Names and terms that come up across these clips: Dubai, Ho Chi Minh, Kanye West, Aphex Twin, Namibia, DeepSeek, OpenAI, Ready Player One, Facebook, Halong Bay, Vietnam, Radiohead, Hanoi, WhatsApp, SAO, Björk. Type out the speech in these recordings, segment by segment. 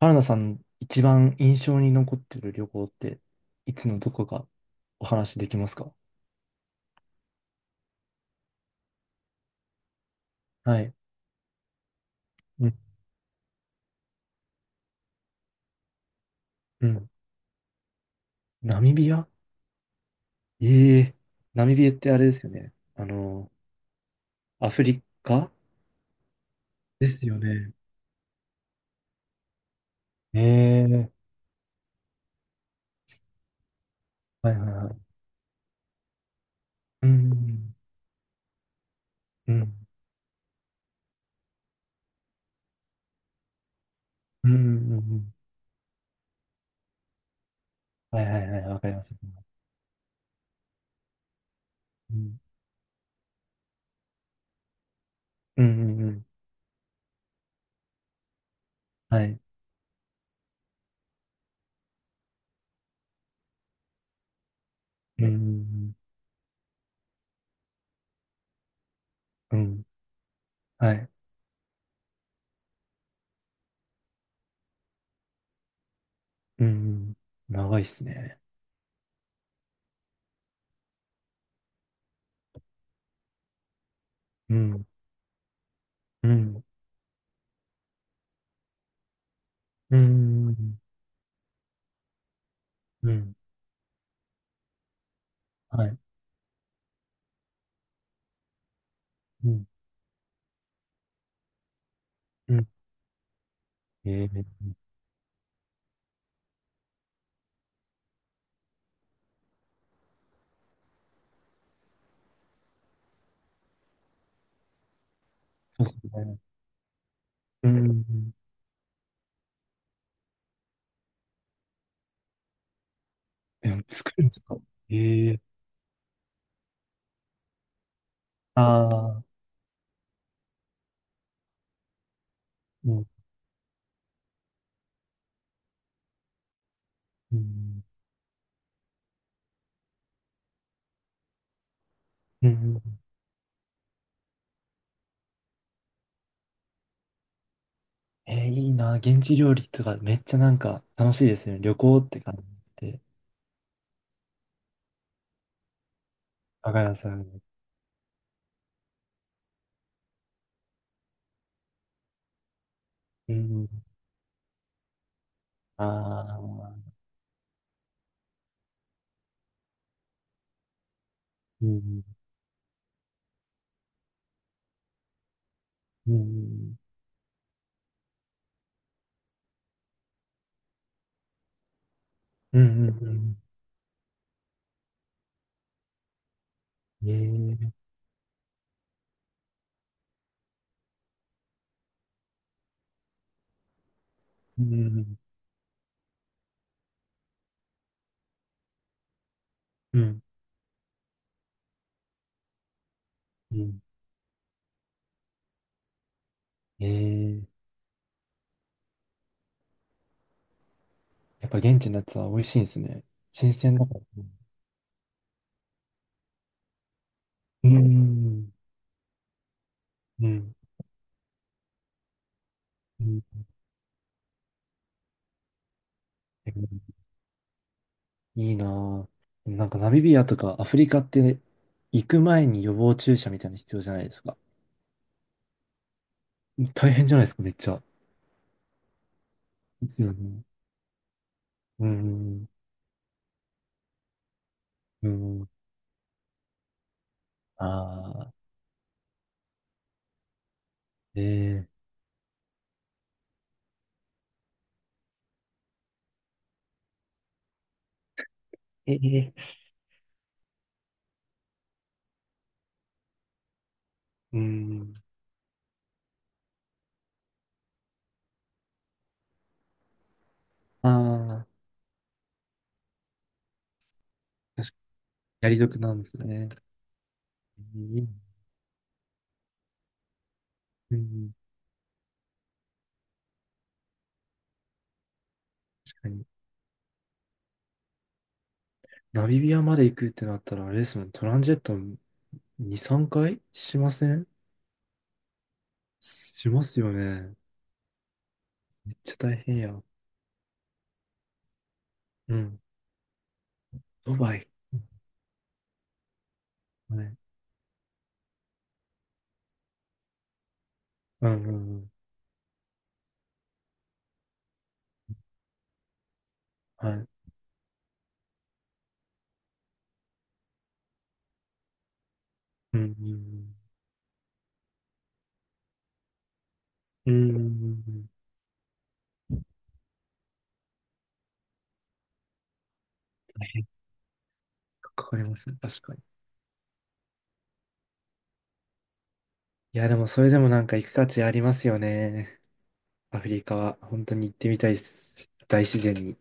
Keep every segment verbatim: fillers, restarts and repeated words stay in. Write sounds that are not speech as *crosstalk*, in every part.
原田さん、一番印象に残ってる旅行って、いつのどこかお話できますか？はい。うん。うん。ナミビア。ええ。ナミビアってあれですよね。あの、アフリカですよね。ええ。はいはいはい。うん。うん。うん。うんうんうん。はいはいはい。わかります。うん。うん。うんうん。はい。うん。うん。うん。はい。うん。長いっすね。うん。うん。うん。うん。はい。うん。ええ。そうですね。うん。え、作るんですか？ええ。あ。あー、うん。うん。うん。えー、いいな。現地料理とかめっちゃなんか楽しいですよね。旅行って感じで。若菜さん。うん。あ。あ、うん。うん。うん。うん。うん。ええ。うん。うん。うん。ええ。やっぱ現地のやつは美味しいんですね。新鮮だから。ううん。うん。うん。いいなぁ。でもなんかナミビアとかアフリカって行く前に予防注射みたいなの必要じゃないですか。大変じゃないですか、めっちゃ。ですよね。うん。うん。ああ、ええ。ええ。うん。ああ、確かに。やり得なんですね。うん。うん。確かに。ナミビアまで行くってなったら、あれですもん、トランジェットに、さんかいしません？しますよね。めっちゃ大変や。うん。ドバイ。はい。うんうんうん。はい。うん。うん。かかりますね。確かに。いや、でもそれでもなんか行く価値ありますよね。アフリカは。本当に行ってみたいです。大自然に。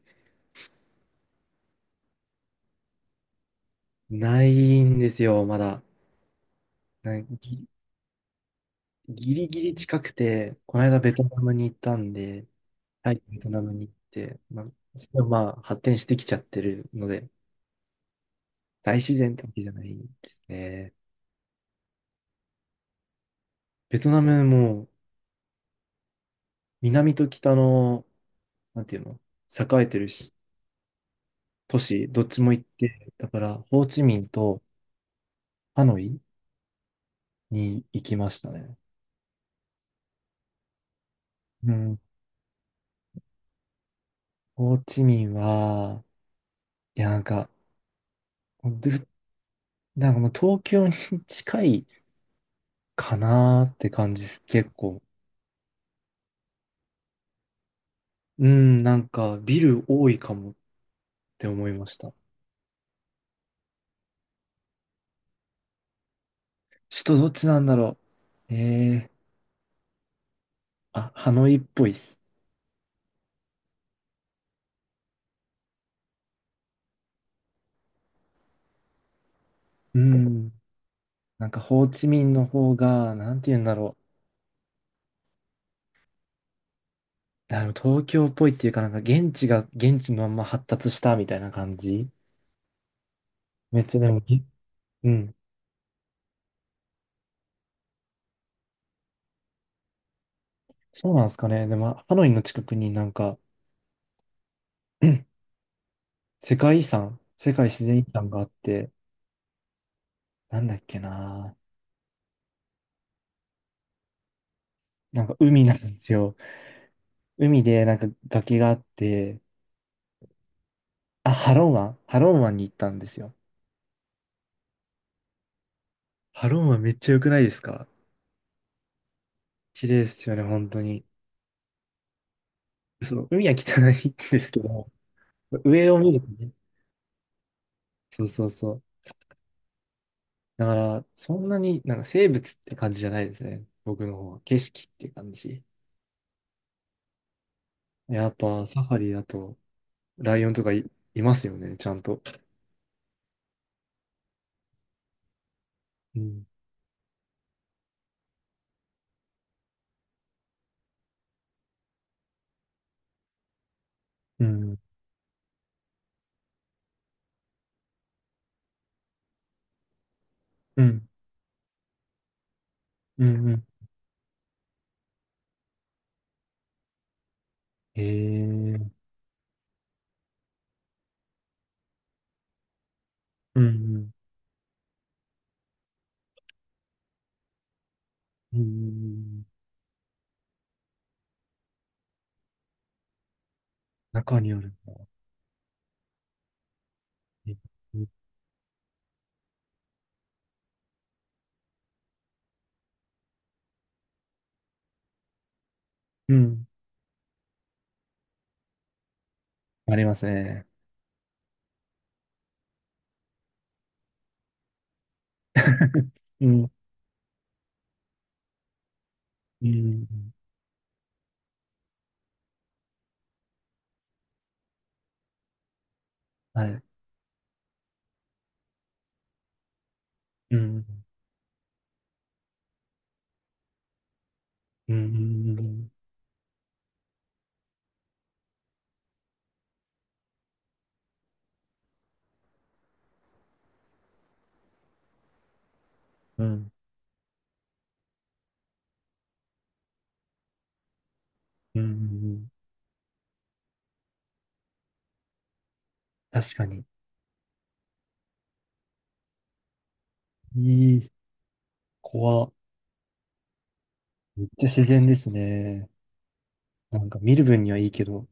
ないんですよ、まだ。なぎギリギリ近くて、この間ベトナムに行ったんで、はい、ベトナムに行って、まあ、それはまあ発展してきちゃってるので、大自然ってわけじゃないですね。ベトナムも南と北の、なんていうの、栄えてるし都市、どっちも行って、だから、ホーチミンとハノイに行きましたね。うん。ホーチミンは、いや、なんか、ぶなんかもう東京に *laughs* 近いかなーって感じです、結構。うん、なんか、ビル多いかもって思いました。首都どっちなんだろう。えー、あ、ハノイっぽいっす。うん。なんか、ホーチミンの方が、なんて言うんだろう。あの、東京っぽいっていうか、なんか、現地が、現地のまんま発達したみたいな感じ。めっちゃでもぎ、うん。そうなんですかね。でも、ハノイの近くになんか、*clears throat* 世界遺産、世界自然遺産があって、なんだっけな。なんか海なんですよ。海でなんか崖があって、あ、ハロン湾ハロン湾に行ったんですよ。ハロン湾めっちゃ良くないですか？綺麗ですよね、本当に。その海は汚いんですけど、上を見るとね。そうそうそう。だから、そんなになんか生物って感じじゃないですね。僕の方は。景色って感じ。やっぱサファリだと、ライオンとかい、いますよね、ちゃんと。うん、うん、うん、うん、うん。ええー、うん、うん、うん。中にある。うん、うん。ありますね。うん、うん、はい。うん、うん、うん、うん、うん。確かに。いい、怖。めっちゃ自然ですね。なんか見る分にはいいけど、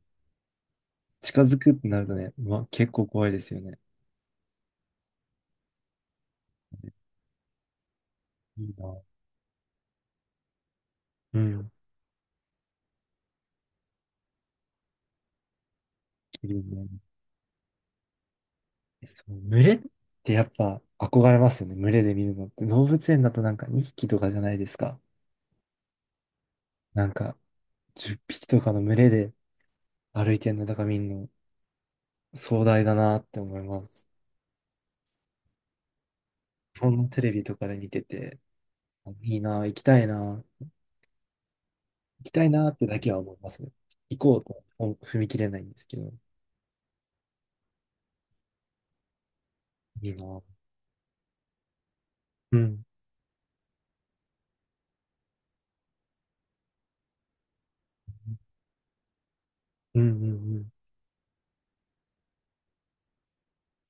近づくってなるとね、まあ、結構怖いですよね。いいな。うん。そう、群れってやっぱ憧れますよね。群れで見るのって。動物園だとなんかにひきとかじゃないですか。なんかじゅっぴきとかの群れで歩いてるのとか見るの壮大だなって思います。日本のテレビとかで見てて、いいな、行きたいな、行きたいなってだけは思いますね。行こうとは踏み切れないんですけど、いいな。うん。うんうん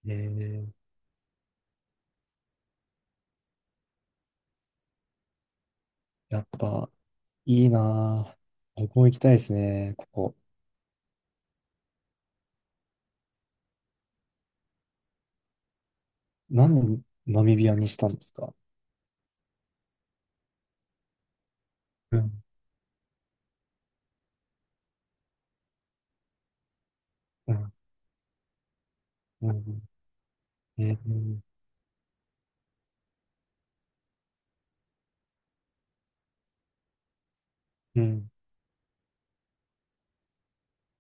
うん。えー、やっぱいいなぁ。僕も行きたいですね、ここ。なんでナミビアにしたんですか？うんうん、うん、うん、うん、うん、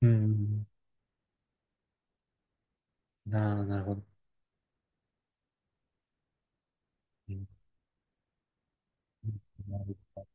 うん、うん。なあ、なるほど。うんうん